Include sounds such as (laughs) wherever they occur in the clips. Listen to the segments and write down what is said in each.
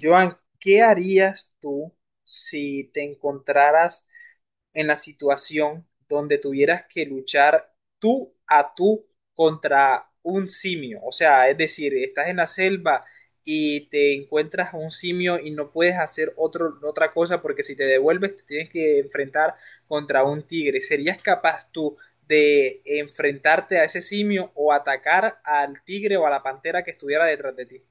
Joan, ¿qué harías tú si te encontraras en la situación donde tuvieras que luchar tú a tú contra un simio? O sea, es decir, estás en la selva y te encuentras a un simio y no puedes hacer otra cosa porque si te devuelves te tienes que enfrentar contra un tigre. ¿Serías capaz tú de enfrentarte a ese simio o atacar al tigre o a la pantera que estuviera detrás de ti?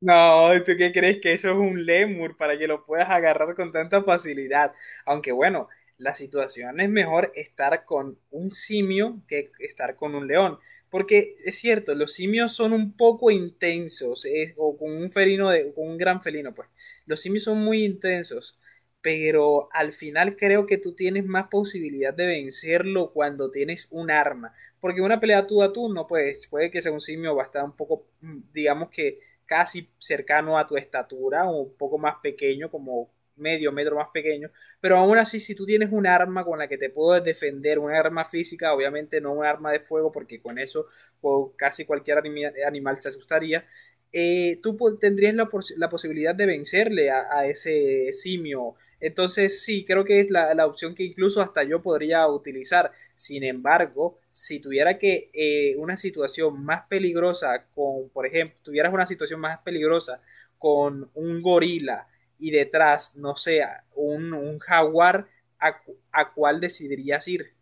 No, ¿tú qué crees que eso es un lemur para que lo puedas agarrar con tanta facilidad? Aunque bueno, la situación es mejor estar con un simio que estar con un león, porque es cierto, los simios son un poco intensos, o con un con un gran felino, pues. Los simios son muy intensos, pero al final creo que tú tienes más posibilidad de vencerlo cuando tienes un arma, porque una pelea tú a tú no puedes, puede que sea un simio va a estar un poco, digamos que casi cercano a tu estatura, o un poco más pequeño, como medio metro más pequeño, pero aún así si tú tienes un arma con la que te puedes defender, un arma física, obviamente no un arma de fuego, porque con eso pues, casi cualquier animal se asustaría, tú tendrías la posibilidad de vencerle a ese simio. Entonces sí, creo que es la opción que incluso hasta yo podría utilizar. Sin embargo, si tuviera que una situación más peligrosa por ejemplo, tuvieras una situación más peligrosa con un gorila y detrás, no sé, un jaguar, ¿ a cuál decidirías ir?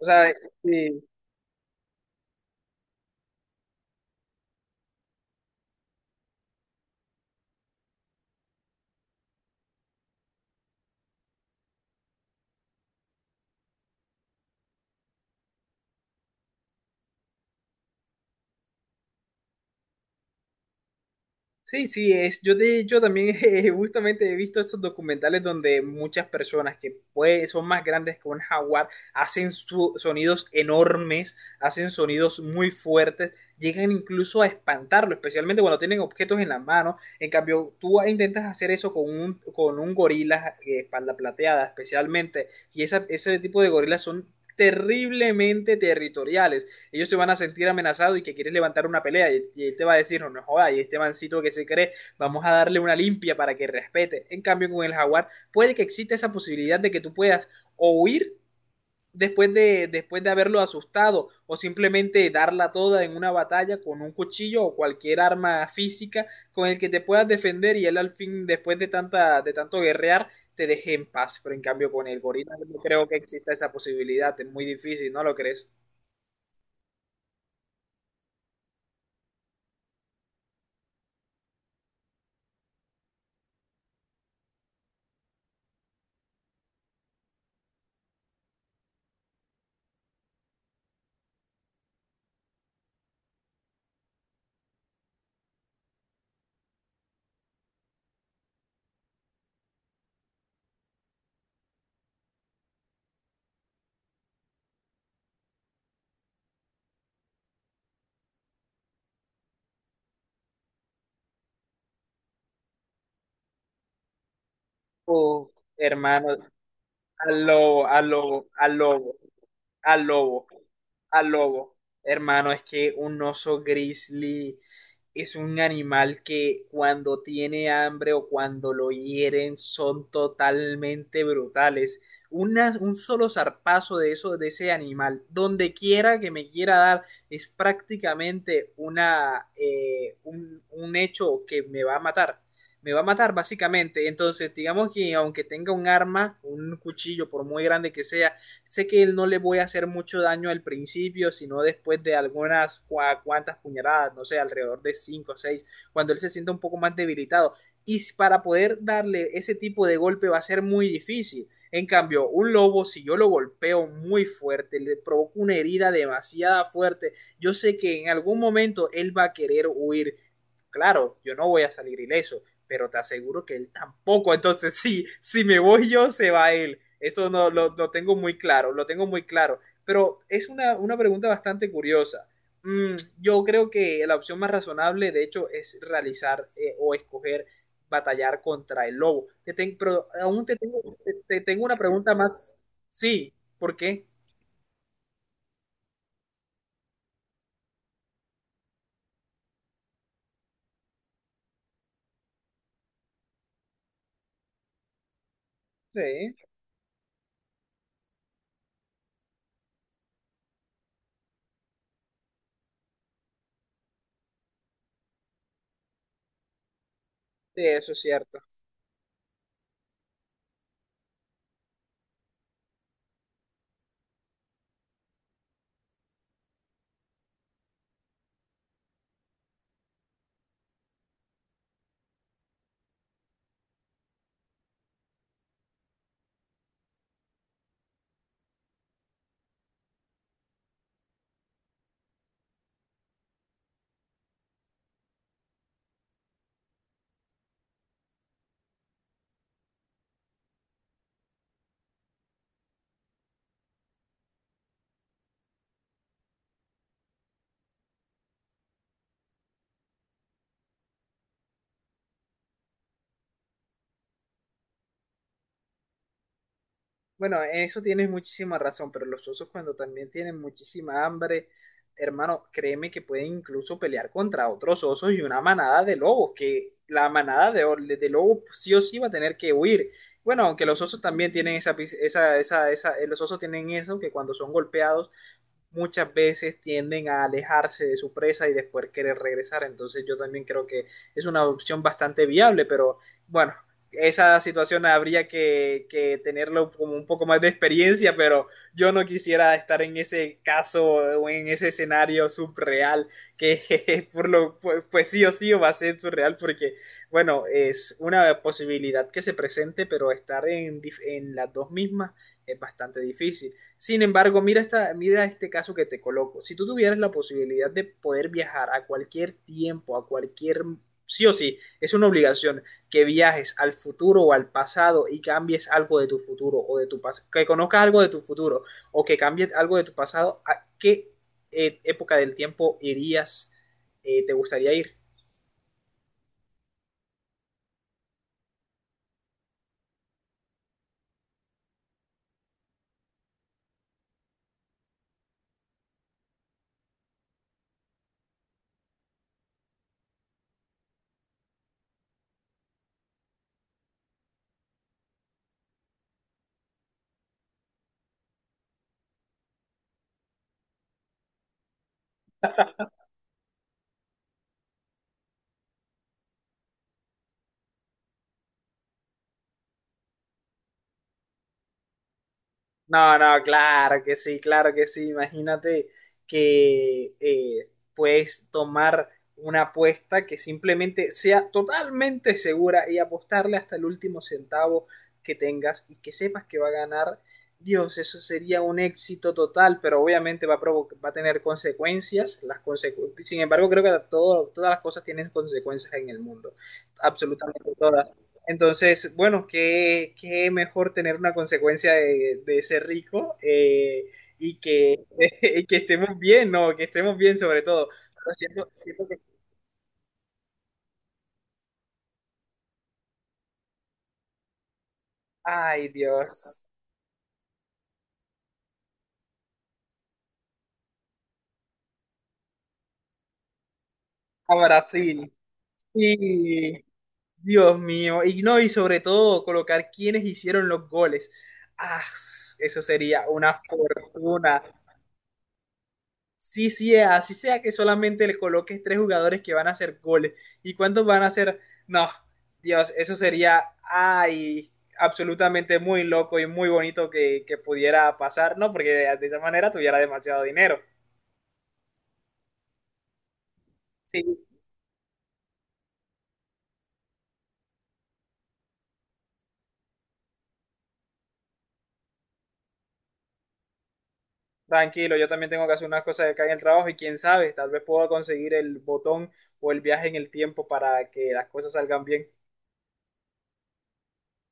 O sea, sí, es, yo de hecho también (laughs) justamente he visto esos documentales donde muchas personas que pues, son más grandes que un jaguar hacen sonidos enormes, hacen sonidos muy fuertes, llegan incluso a espantarlo, especialmente cuando tienen objetos en la mano. En cambio, tú intentas hacer eso con con un gorila, espalda plateada especialmente, y ese tipo de gorilas son terriblemente territoriales, ellos se van a sentir amenazados y que quieres levantar una pelea, y él te va a decir, no, no joda, y este mancito que se cree, vamos a darle una limpia para que respete. En cambio, con el jaguar puede que exista esa posibilidad de que tú puedas o huir después de haberlo asustado o simplemente darla toda en una batalla con un cuchillo o cualquier arma física con el que te puedas defender y él al fin después de tanta de tanto guerrear te deje en paz, pero en cambio con el gorila no creo que exista esa posibilidad, es muy difícil, ¿no lo crees? Oh, hermano. Al lobo, al lobo, al lobo, al lobo. Hermano, es que un oso grizzly es un animal que cuando tiene hambre o cuando lo hieren son totalmente brutales. Un solo zarpazo de eso, de ese animal, donde quiera que me quiera dar, es prácticamente un hecho que me va a matar. Me va a matar básicamente. Entonces, digamos que aunque tenga un arma, un cuchillo, por muy grande que sea, sé que él no le voy a hacer mucho daño al principio, sino después de algunas cuantas puñaladas, no sé, alrededor de 5 o 6, cuando él se sienta un poco más debilitado. Y para poder darle ese tipo de golpe va a ser muy difícil. En cambio, un lobo, si yo lo golpeo muy fuerte, le provoco una herida demasiada fuerte, yo sé que en algún momento él va a querer huir. Claro, yo no voy a salir ileso, pero te aseguro que él tampoco. Entonces, (laughs) sí, si me voy yo, se va él. Eso no lo tengo muy claro, lo tengo muy claro. Pero es una pregunta bastante curiosa. Mm, yo creo que la opción más razonable, de hecho, es realizar o escoger batallar contra el lobo. Pero aún te tengo, te tengo una pregunta más. Sí, ¿por qué? Sí, sí, eso es cierto. Bueno, eso tienes muchísima razón, pero los osos cuando también tienen muchísima hambre, hermano, créeme que pueden incluso pelear contra otros osos y una manada de lobos, que la manada de lobos sí o sí va a tener que huir. Bueno, aunque los osos también tienen esa, pis- esa, los osos tienen eso, que cuando son golpeados muchas veces tienden a alejarse de su presa y después querer regresar. Entonces yo también creo que es una opción bastante viable, pero bueno, esa situación habría que tenerlo como un poco más de experiencia, pero yo no quisiera estar en ese caso o en ese escenario subreal que (laughs) por lo pues, pues sí o sí va a ser subreal porque bueno, es una posibilidad que se presente, pero estar en las dos mismas es bastante difícil. Sin embargo, mira, mira este caso que te coloco. Si tú tuvieras la posibilidad de poder viajar a cualquier tiempo, a cualquier... Sí o sí, es una obligación que viajes al futuro o al pasado y cambies algo de tu futuro o de tu pasado, que conozcas algo de tu futuro o que cambies algo de tu pasado, ¿a qué época del tiempo irías, te gustaría ir? No, no, claro que sí, claro que sí. Imagínate que puedes tomar una apuesta que simplemente sea totalmente segura y apostarle hasta el último centavo que tengas y que sepas que va a ganar. Dios, eso sería un éxito total, pero obviamente va a provocar, va a tener consecuencias. Sin embargo, creo que todas las cosas tienen consecuencias en el mundo. Absolutamente todas. Entonces, bueno, qué mejor tener una consecuencia de ser rico, y (laughs) y que estemos bien, ¿no? Que estemos bien sobre todo. Pero siento, siento que, ay Dios, a Brasil. Y Dios mío, y no, y sobre todo colocar quienes hicieron los goles. Ah, eso sería una fortuna. Sí, sí, es, así sea que solamente le coloques tres jugadores que van a hacer goles. ¿Y cuántos van a hacer? No, Dios, eso sería, ay, absolutamente muy loco y muy bonito que pudiera pasar, ¿no? Porque de esa manera tuviera demasiado dinero. Sí, tranquilo, yo también tengo que hacer unas cosas acá en el trabajo y quién sabe, tal vez pueda conseguir el botón o el viaje en el tiempo para que las cosas salgan bien.